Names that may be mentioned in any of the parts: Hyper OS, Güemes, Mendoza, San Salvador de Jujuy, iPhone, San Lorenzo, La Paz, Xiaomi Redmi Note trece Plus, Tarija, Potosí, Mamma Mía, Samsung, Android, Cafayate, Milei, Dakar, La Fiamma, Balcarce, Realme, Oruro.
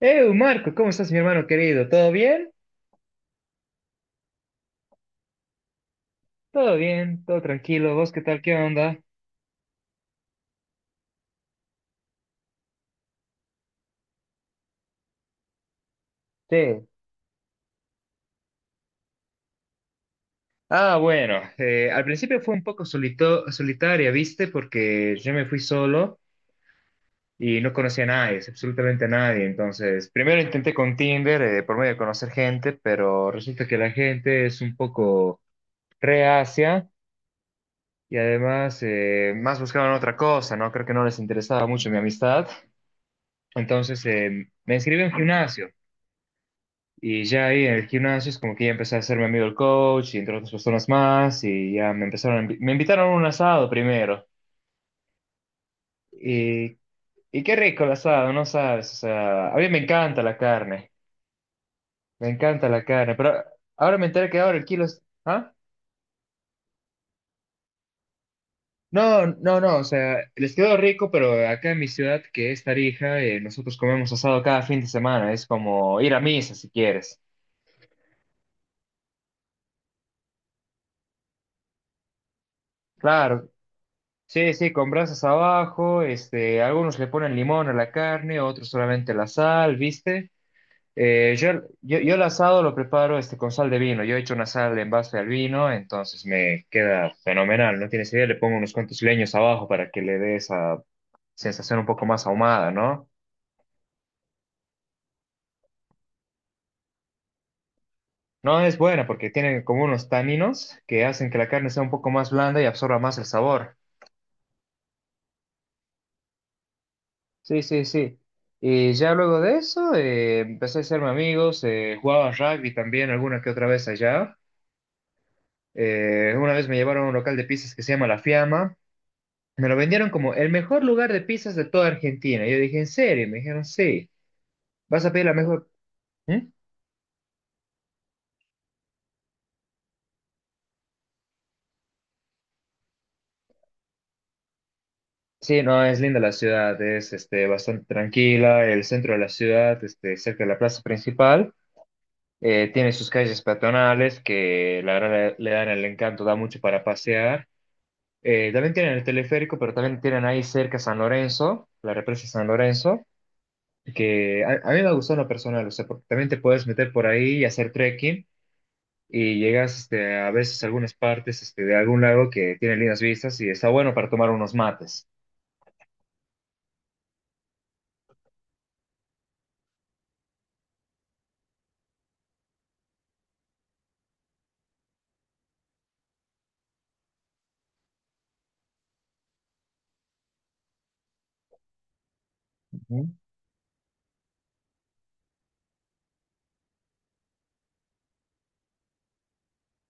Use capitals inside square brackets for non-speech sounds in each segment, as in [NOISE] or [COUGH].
Marco, ¿cómo estás, mi hermano querido? ¿Todo bien? Todo bien, todo tranquilo. ¿Vos qué tal? ¿Qué onda? Sí. Ah, bueno, al principio fue un poco solitaria, ¿viste? Porque yo me fui solo y no conocía a nadie, absolutamente a nadie. Entonces, primero intenté con Tinder, por medio de conocer gente, pero resulta que la gente es un poco reacia y además más buscaban otra cosa, ¿no? Creo que no les interesaba mucho mi amistad. Entonces, me inscribí en un gimnasio. Y ya ahí en el gimnasio es como que ya empecé a hacerme amigo del coach y entre otras personas más y ya me empezaron, me invitaron a un asado primero. Y, y qué rico el asado, no sabes, o sea, a mí me encanta la carne, me encanta la carne, pero ahora me enteré que ahora el kilo es, ¿ah? No, no, no, o sea, les quedó rico, pero acá en mi ciudad, que es Tarija, nosotros comemos asado cada fin de semana, es como ir a misa si quieres. Claro. Sí, sí, con brasas abajo, algunos le ponen limón a la carne, otros solamente la sal, ¿viste? Eh, yo, yo el asado lo preparo, con sal de vino, yo he hecho una sal en base al vino, entonces me queda fenomenal, no tienes idea, le pongo unos cuantos leños abajo para que le dé esa sensación un poco más ahumada, ¿no? No es buena porque tiene como unos taninos que hacen que la carne sea un poco más blanda y absorba más el sabor. Sí, sí, sí. Y ya luego de eso empecé a hacerme amigos, jugaba rugby también alguna que otra vez allá. Una vez me llevaron a un local de pizzas que se llama La Fiamma. Me lo vendieron como el mejor lugar de pizzas de toda Argentina. Yo dije, ¿en serio? Me dijeron, sí, vas a pedir la mejor. ¿Mm? Sí, no, es linda la ciudad, es, bastante tranquila, el centro de la ciudad, cerca de la plaza principal. Tiene sus calles peatonales que la verdad le dan el encanto, da mucho para pasear. También tienen el teleférico, pero también tienen ahí cerca San Lorenzo, la represa San Lorenzo, que a mí me gustó en lo personal, o sea, porque también te puedes meter por ahí y hacer trekking y llegas, a veces a algunas partes, de algún lago que tiene lindas vistas y está bueno para tomar unos mates. Ujú.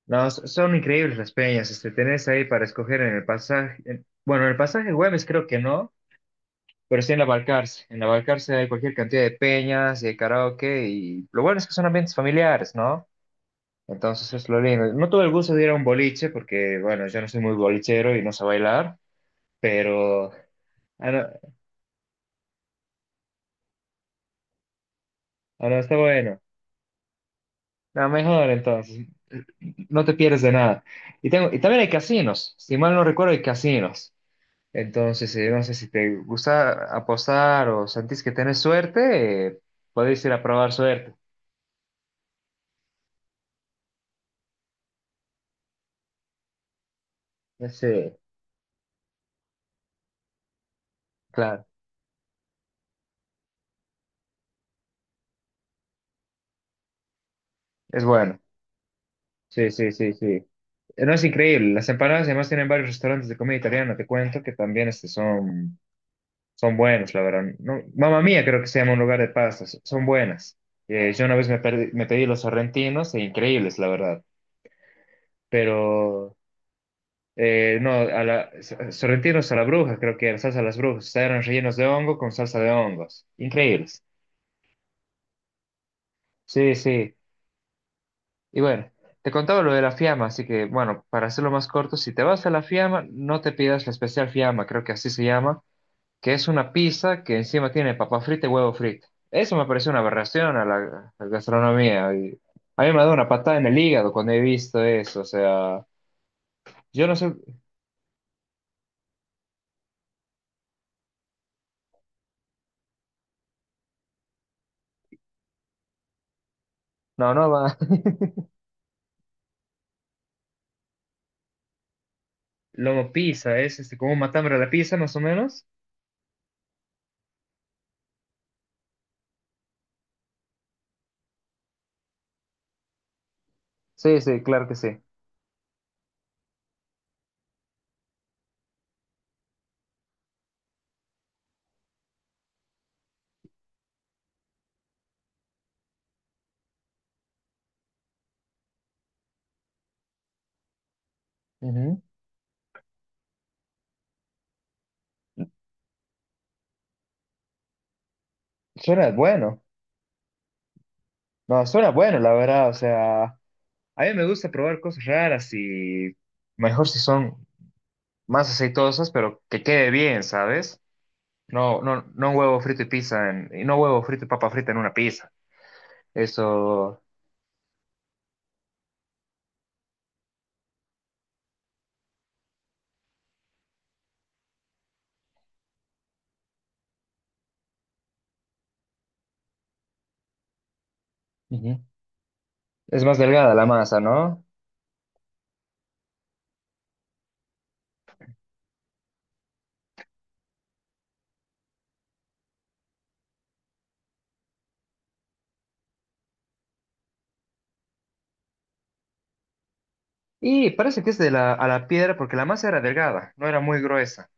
No, son increíbles las peñas, tenés ahí para escoger en el pasaje, bueno, en el pasaje Güemes creo que no, pero sí en la Balcarce. En la Balcarce hay cualquier cantidad de peñas y de karaoke y lo bueno es que son ambientes familiares, ¿no? Entonces es lo lindo. No tuve el gusto de ir a un boliche porque, bueno, yo no soy muy bolichero y no sé bailar, pero... Ah, no, ah, no, está bueno. No, mejor entonces. No te pierdes de nada. Y, y también hay casinos. Si mal no recuerdo, hay casinos. Entonces, no sé si te gusta apostar o sentís que tenés suerte, podéis ir a probar suerte. Sí, claro. Es bueno. Sí, sí, sí, sí. No, es increíble. Las empanadas, además, tienen varios restaurantes de comida italiana, te cuento, que también, son buenas, la verdad. No, Mamma Mía creo que se llama un lugar de pastas. Son buenas. Yo una vez me pedí los sorrentinos, e increíbles, la verdad. Pero no, sorrentinos a la bruja, creo que era salsa a las brujas. O sea, eran rellenos de hongo con salsa de hongos. Increíbles. Sí, sí. Y bueno, te contaba lo de la fiama, así que bueno, para hacerlo más corto, si te vas a la fiama, no te pidas la especial fiama, creo que así se llama. Que es una pizza que encima tiene papa frita y huevo frito. Eso me parece una aberración a la gastronomía. Y a mí me da una patada en el hígado cuando he visto eso. O sea, yo no sé. No, no va. [LAUGHS] Lomo pizza, es, como un matambre a la pizza, más o menos. Sí, sí, claro que sí. Ujú. Suena bueno. No, suena bueno, la verdad. O sea, a mí me gusta probar cosas raras y mejor si son más aceitosas, pero que quede bien, ¿sabes? No, no, no huevo frito y pizza. Y no huevo frito y papa frita en una pizza. Eso. Ujú. Es más delgada la masa, ¿no? Y parece que es de la, a la piedra porque la masa era delgada, no era muy gruesa.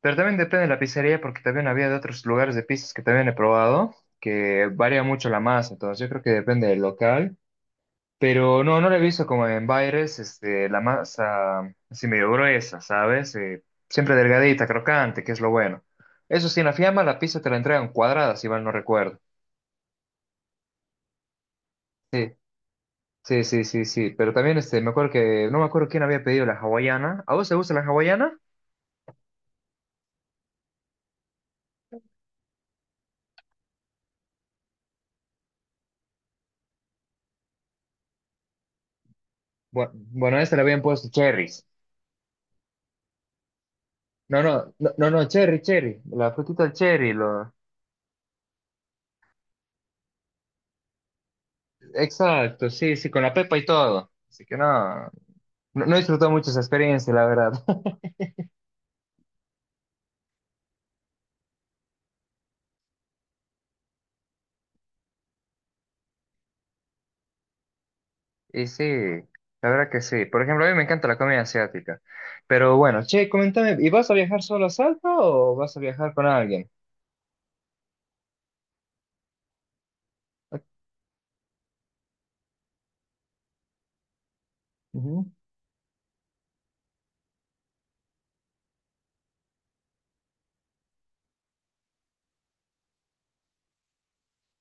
Pero también depende de la pizzería porque también había de otros lugares de pizzas que también he probado, que varía mucho la masa. Entonces yo creo que depende del local. Pero no, no la he visto como en Baires, la masa así medio gruesa, ¿sabes? Siempre delgadita, crocante, que es lo bueno. Eso sí, en la fiamma la pizza te la entregan cuadrada, si mal no recuerdo. Sí, sí, sí, sí, sí. Pero también, me acuerdo que no me acuerdo quién había pedido la hawaiana. ¿A vos te gusta la hawaiana? Bueno, a esta le habían puesto cherries. No, no, no, no, no, cherry, cherry. La frutita del cherry, lo... Exacto, sí, sí, con la pepa y todo. Así que no, no, no he disfrutado mucho esa experiencia, la verdad. Y sí, la verdad que sí. Por ejemplo, a mí me encanta la comida asiática. Pero bueno, che, comentame, ¿y vas a viajar solo a Salta o vas a viajar con alguien? Ujú,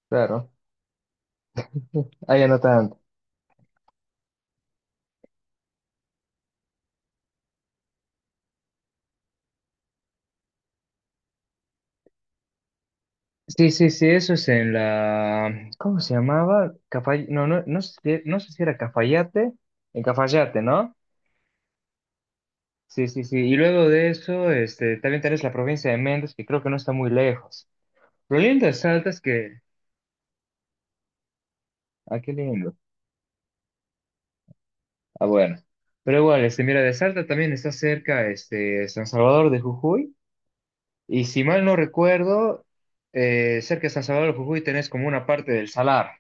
claro, ahí no tanto. Sí, sí, sí, eso es en la... ¿Cómo se llamaba? No, no, no sé, no sé si era Cafayate, en Cafayate, ¿no? Sí, sí, sí. Y luego de eso, también tenés la provincia de Mendoza, que creo que no está muy lejos. Lo lindo de Salta es que... Ah, qué lindo. Ah, bueno. Pero igual, mira, de Salta también está cerca, San Salvador de Jujuy. Y si mal no recuerdo, cerca de San Salvador de Jujuy tenés como una parte del salar,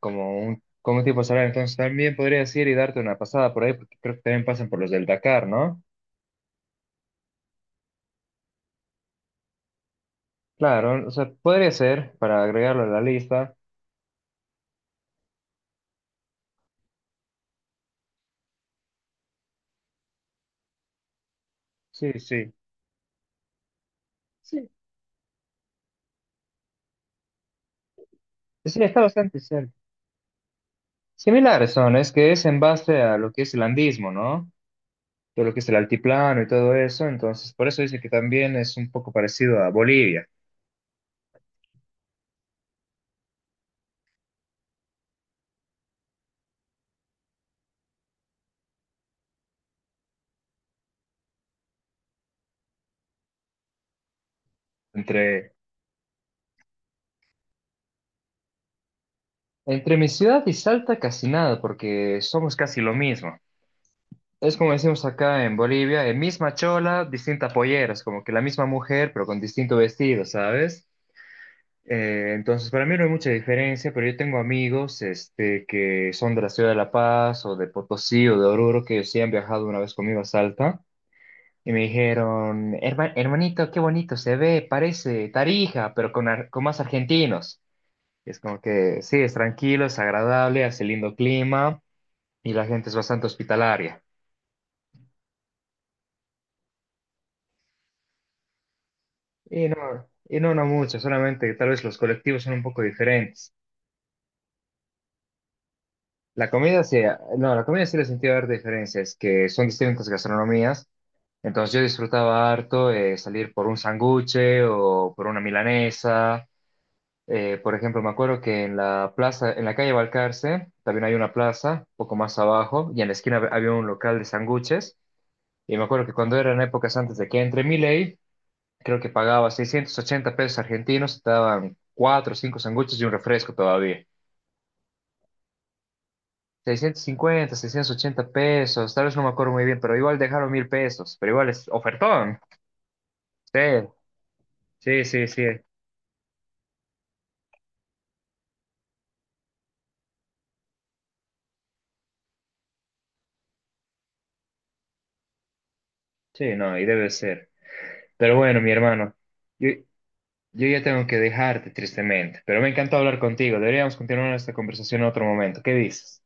como un tipo salar. Entonces también podrías ir y darte una pasada por ahí, porque creo que también pasan por los del Dakar, ¿no? Claro, o sea, podría ser, para agregarlo a la lista. Sí, sí. Sí, sí, está bastante cerca. Similares son, es que es en base a lo que es el andismo, ¿no? Todo lo que es el altiplano y todo eso. Entonces, por eso dice que también es un poco parecido a Bolivia. Entre, entre mi ciudad y Salta, casi nada, porque somos casi lo mismo. Es como decimos acá en Bolivia, misma chola, distinta pollera, es como que la misma mujer, pero con distinto vestido, ¿sabes? Entonces, para mí no hay mucha diferencia, pero yo tengo amigos, que son de la ciudad de La Paz o de Potosí o de Oruro que sí han viajado una vez conmigo a Salta. Y me dijeron, hermanito, qué bonito se ve, parece Tarija, pero con, con más argentinos". Es como que sí, es tranquilo, es agradable, hace lindo clima y la gente es bastante hospitalaria. Y no, no mucho, solamente que tal vez los colectivos son un poco diferentes. La comida sí, no, la comida sí le sentí ver diferencias, que son distintas gastronomías. Entonces yo disfrutaba harto, salir por un sanguche o por una milanesa. Por ejemplo, me acuerdo que en la plaza, en la calle Balcarce, también hay una plaza, poco más abajo, y en la esquina había un local de sándwiches. Y me acuerdo que cuando eran épocas antes de que entre Milei, creo que pagaba $680 argentinos, te daban 4 o 5 sándwiches y un refresco todavía. 650, $680, tal vez no me acuerdo muy bien, pero igual dejaron 1000 pesos, pero igual es ofertón. Sí, sí, sí, sí, sí, no, y debe ser. Pero bueno, mi hermano. Yo, Yo ya tengo que dejarte, tristemente, pero me encantó hablar contigo. Deberíamos continuar esta conversación en otro momento. ¿Qué dices?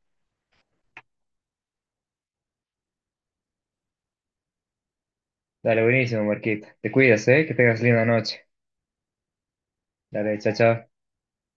Dale, buenísimo, Marquita. Te cuidas, ¿eh? Que tengas linda noche. Dale, chao, chao.